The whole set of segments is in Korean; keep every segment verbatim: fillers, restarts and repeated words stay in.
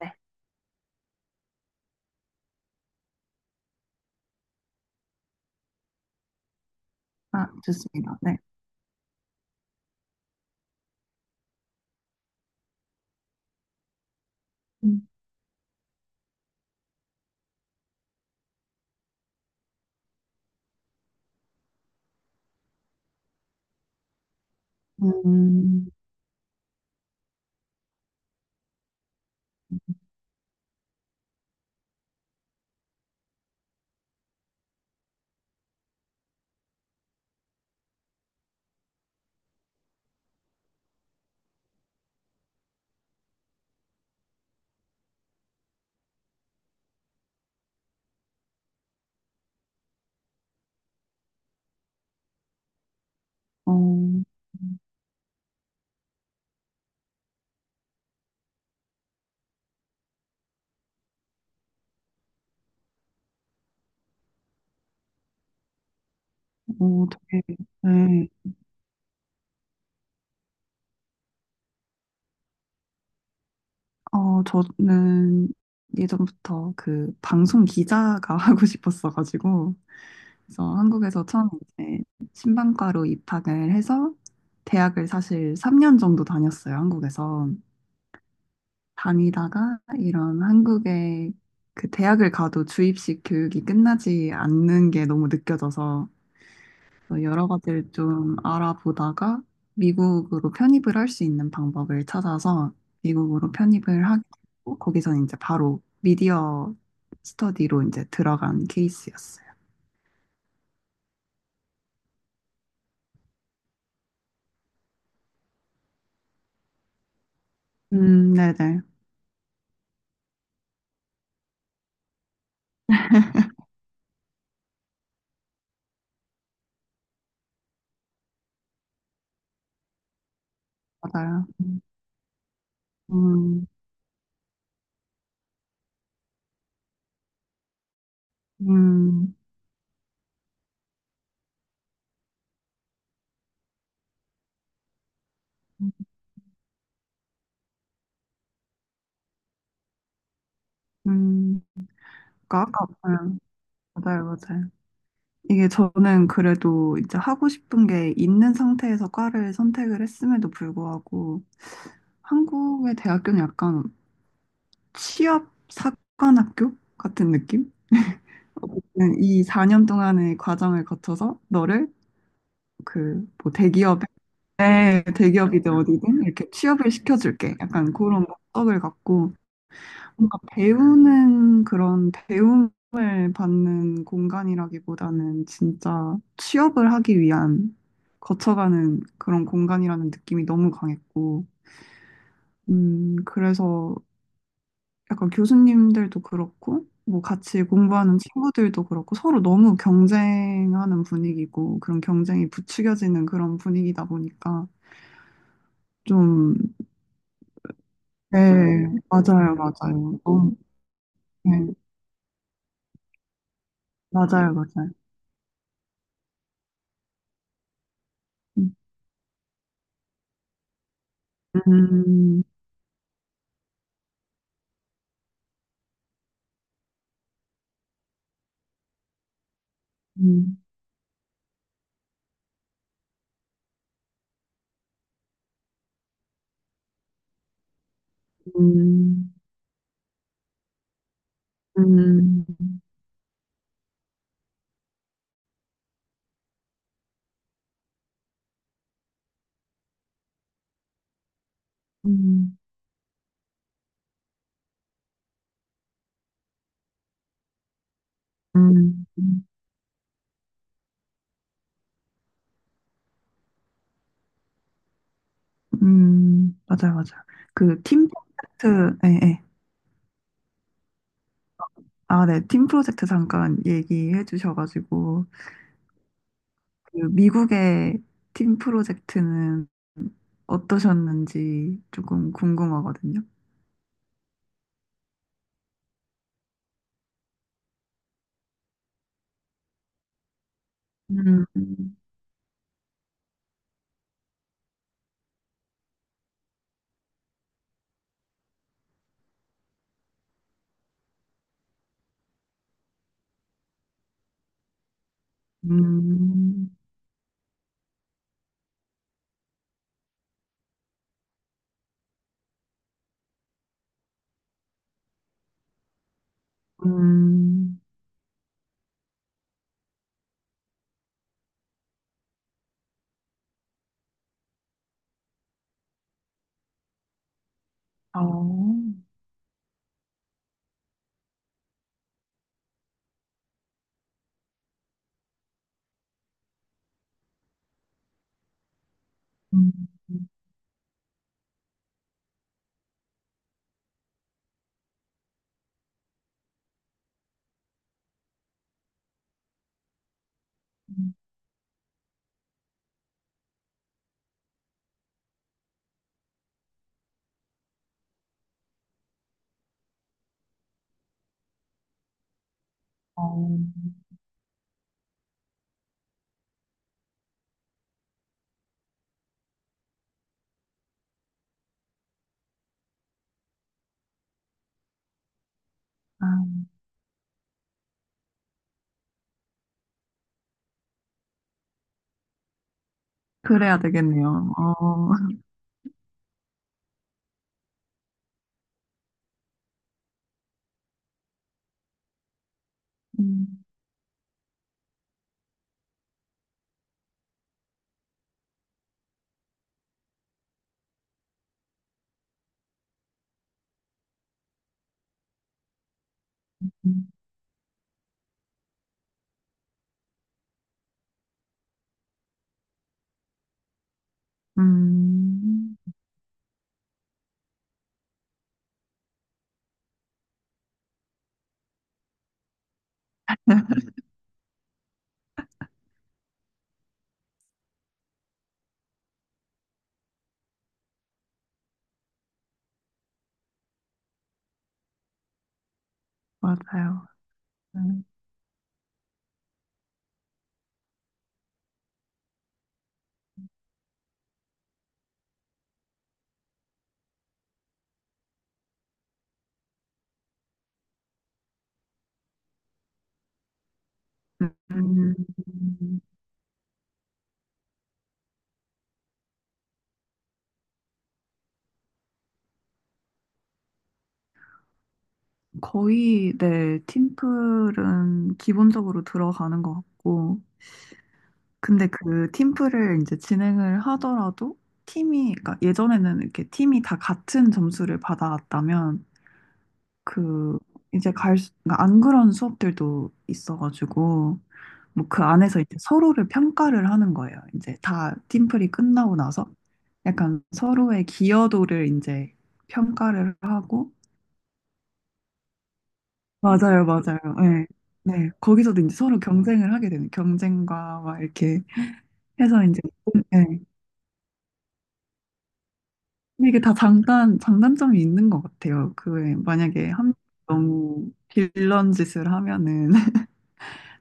네. 아, 좋습니다. 네. 음. 음, 어, 어, 되게, 네. 어, 저는 예전부터 그 방송 기자가 하고 싶었어가지고, 그래서 한국에서 처음 이제 신방과로 입학을 해서 대학을 사실 삼 년 정도 다녔어요, 한국에서. 다니다가 이런 한국의 그 대학을 가도 주입식 교육이 끝나지 않는 게 너무 느껴져서 또 여러 가지를 좀 알아보다가 미국으로 편입을 할 수 있는 방법을 찾아서 미국으로 편입을 하고 거기서 이제 바로 미디어 스터디로 이제 들어간 케이스였어요. 음, 네네. 맞아요. 음, 음, 음. 그러니까 아까, 음, 맞아요, 맞아요. 이게 저는 그래도 이제 하고 싶은 게 있는 상태에서 과를 선택을 했음에도 불구하고 한국의 대학교는 약간 취업 사관학교 같은 느낌? 어쨌든 이 사 년 동안의 과정을 거쳐서 너를 그 뭐 대기업에 네, 대기업이든 어디든 이렇게 취업을 시켜줄게. 약간 그런 목적을 갖고 뭔가 배우는 그런 배움을 받는 공간이라기보다는 진짜 취업을 하기 위한 거쳐가는 그런 공간이라는 느낌이 너무 강했고, 음, 그래서 약간 교수님들도 그렇고, 뭐 같이 공부하는 친구들도 그렇고, 서로 너무 경쟁하는 분위기고, 그런 경쟁이 부추겨지는 그런 분위기다 보니까, 좀, 네, 맞아요, 맞아요. 어, 네, 맞아요, 맞아요. 음, 음, 음, 음, 음, 음, 음, 맞아요, 맞아요. 그 팀 프로젝트, 예, 예. 아, 네, 팀 프로젝트 잠깐 얘기해 주셔가지고, 그 미국의 팀 프로젝트는 어떠셨는지 조금 궁금하거든요. 음, 음, 음, 어, 음, 음, 어, 아, 그래야 되겠네요. 어, 음, 음, 맞아요. 음, 음, 거의, 네, 팀플은 기본적으로 들어가는 것 같고, 근데 그 팀플을 이제 진행을 하더라도 팀이, 그러니까 예전에는 이렇게 팀이 다 같은 점수를 받아왔다면 그 이제 갈, 수- 그러니까 안 그런 수업들도 있어가지고 뭐 그 안에서 이제 서로를 평가를 하는 거예요. 이제 다 팀플이 끝나고 나서 약간 서로의 기여도를 이제 평가를 하고 맞아요, 맞아요. 네. 네. 거기서도 이제 서로 경쟁을 하게 되는 경쟁과 막 이렇게 해서 이제 네. 근데 이게 다 장단, 장단점이 있는 것 같아요. 그, 만약에 한, 너무 빌런 짓을 하면은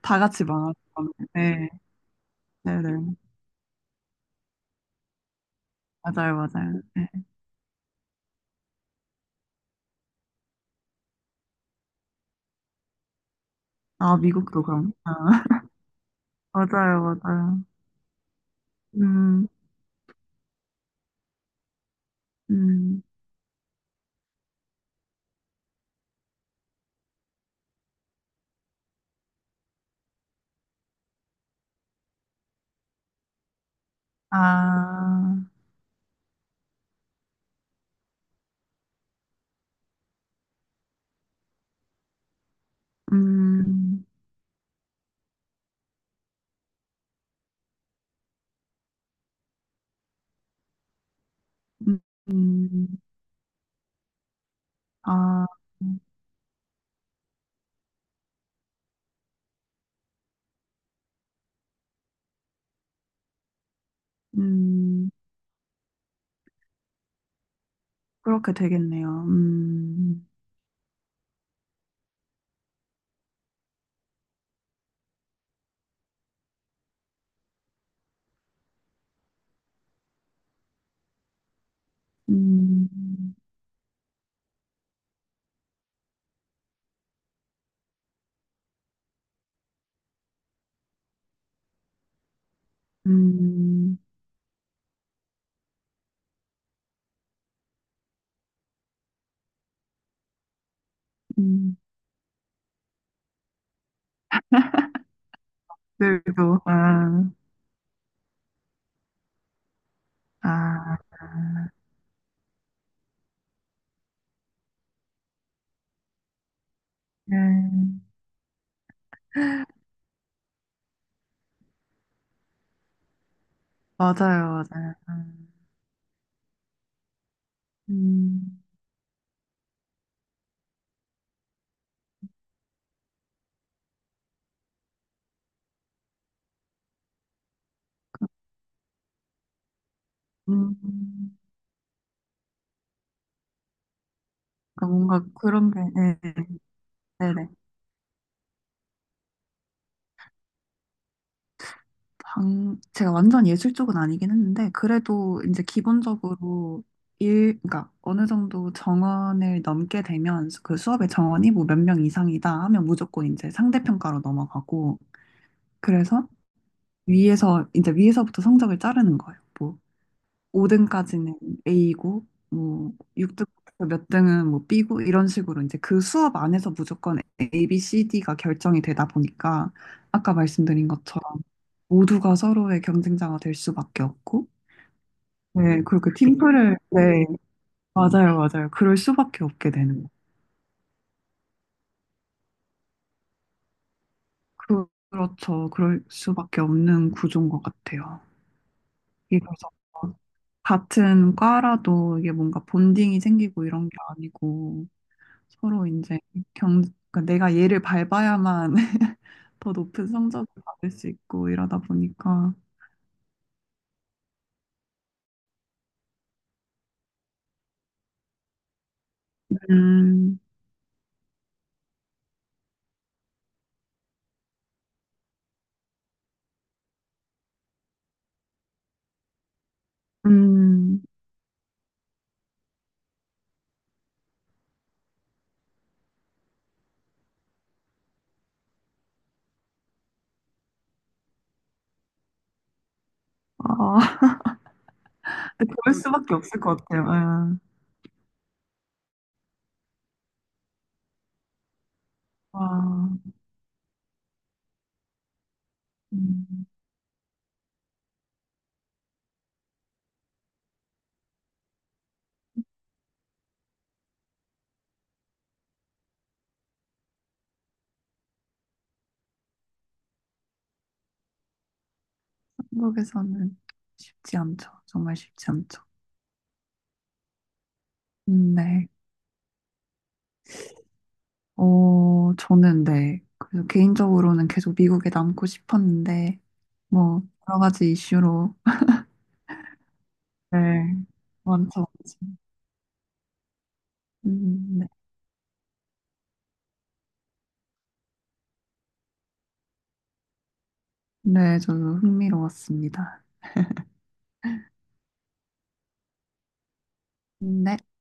다 같이 망하는 거는. 네, 네, 네. 맞아요, 맞아요. 네. 아, 미국도 그럼. 아, 맞아요, 맞아요. 음, 음, 아, 음, 음, 음, 아, 음. 그렇게 되겠네요. 음, 음, 음, 음, 늘도, 아, 아, 네. 맞아요, 맞아요. 음, 음, 음. 그러니까 뭔가 그런 게, 네, 네, 네. 방, 제가 완전 예술 쪽은 아니긴 했는데, 그래도 이제 기본적으로 일, 그러니까 어느 정도 정원을 넘게 되면 그 수업의 정원이 뭐 몇 명 이상이다 하면 무조건 이제 상대평가로 넘어가고, 그래서 위에서, 이제 위에서부터 성적을 자르는 거예요. 뭐 오 등까지는 A고 뭐 육 등부터 몇 등은 뭐 B고 이런 식으로 이제 그 수업 안에서 무조건 A, B, C, D가 결정이 되다 보니까 아까 말씀드린 것처럼 모두가 서로의 경쟁자가 될 수밖에 없고 네, 그렇게 팀플을 네, 맞아요, 맞아요. 그럴 수밖에 없게 되는 거. 그, 그렇죠. 그럴 수밖에 없는 구조인 것 같아요. 이게 그래서 같은 과라도 이게 뭔가 본딩이 생기고 이런 게 아니고 서로 이제 경, 그러니까 내가 얘를 밟아야만 더 높은 성적을 받을 수 있고 이러다 보니까. 음, 음, 아, 근데 그럴 음, 수밖에 없을 것 같아요. 예. 아 음, 한국에서는 쉽지 않죠. 정말 쉽지 않죠. 음, 네. 어, 저는 네. 그래서 개인적으로는 계속 미국에 남고 싶었는데, 뭐, 여러 가지 이슈로. 네. 많죠, 많죠. 음, 네. 네, 저도 흥미로웠습니다. 네.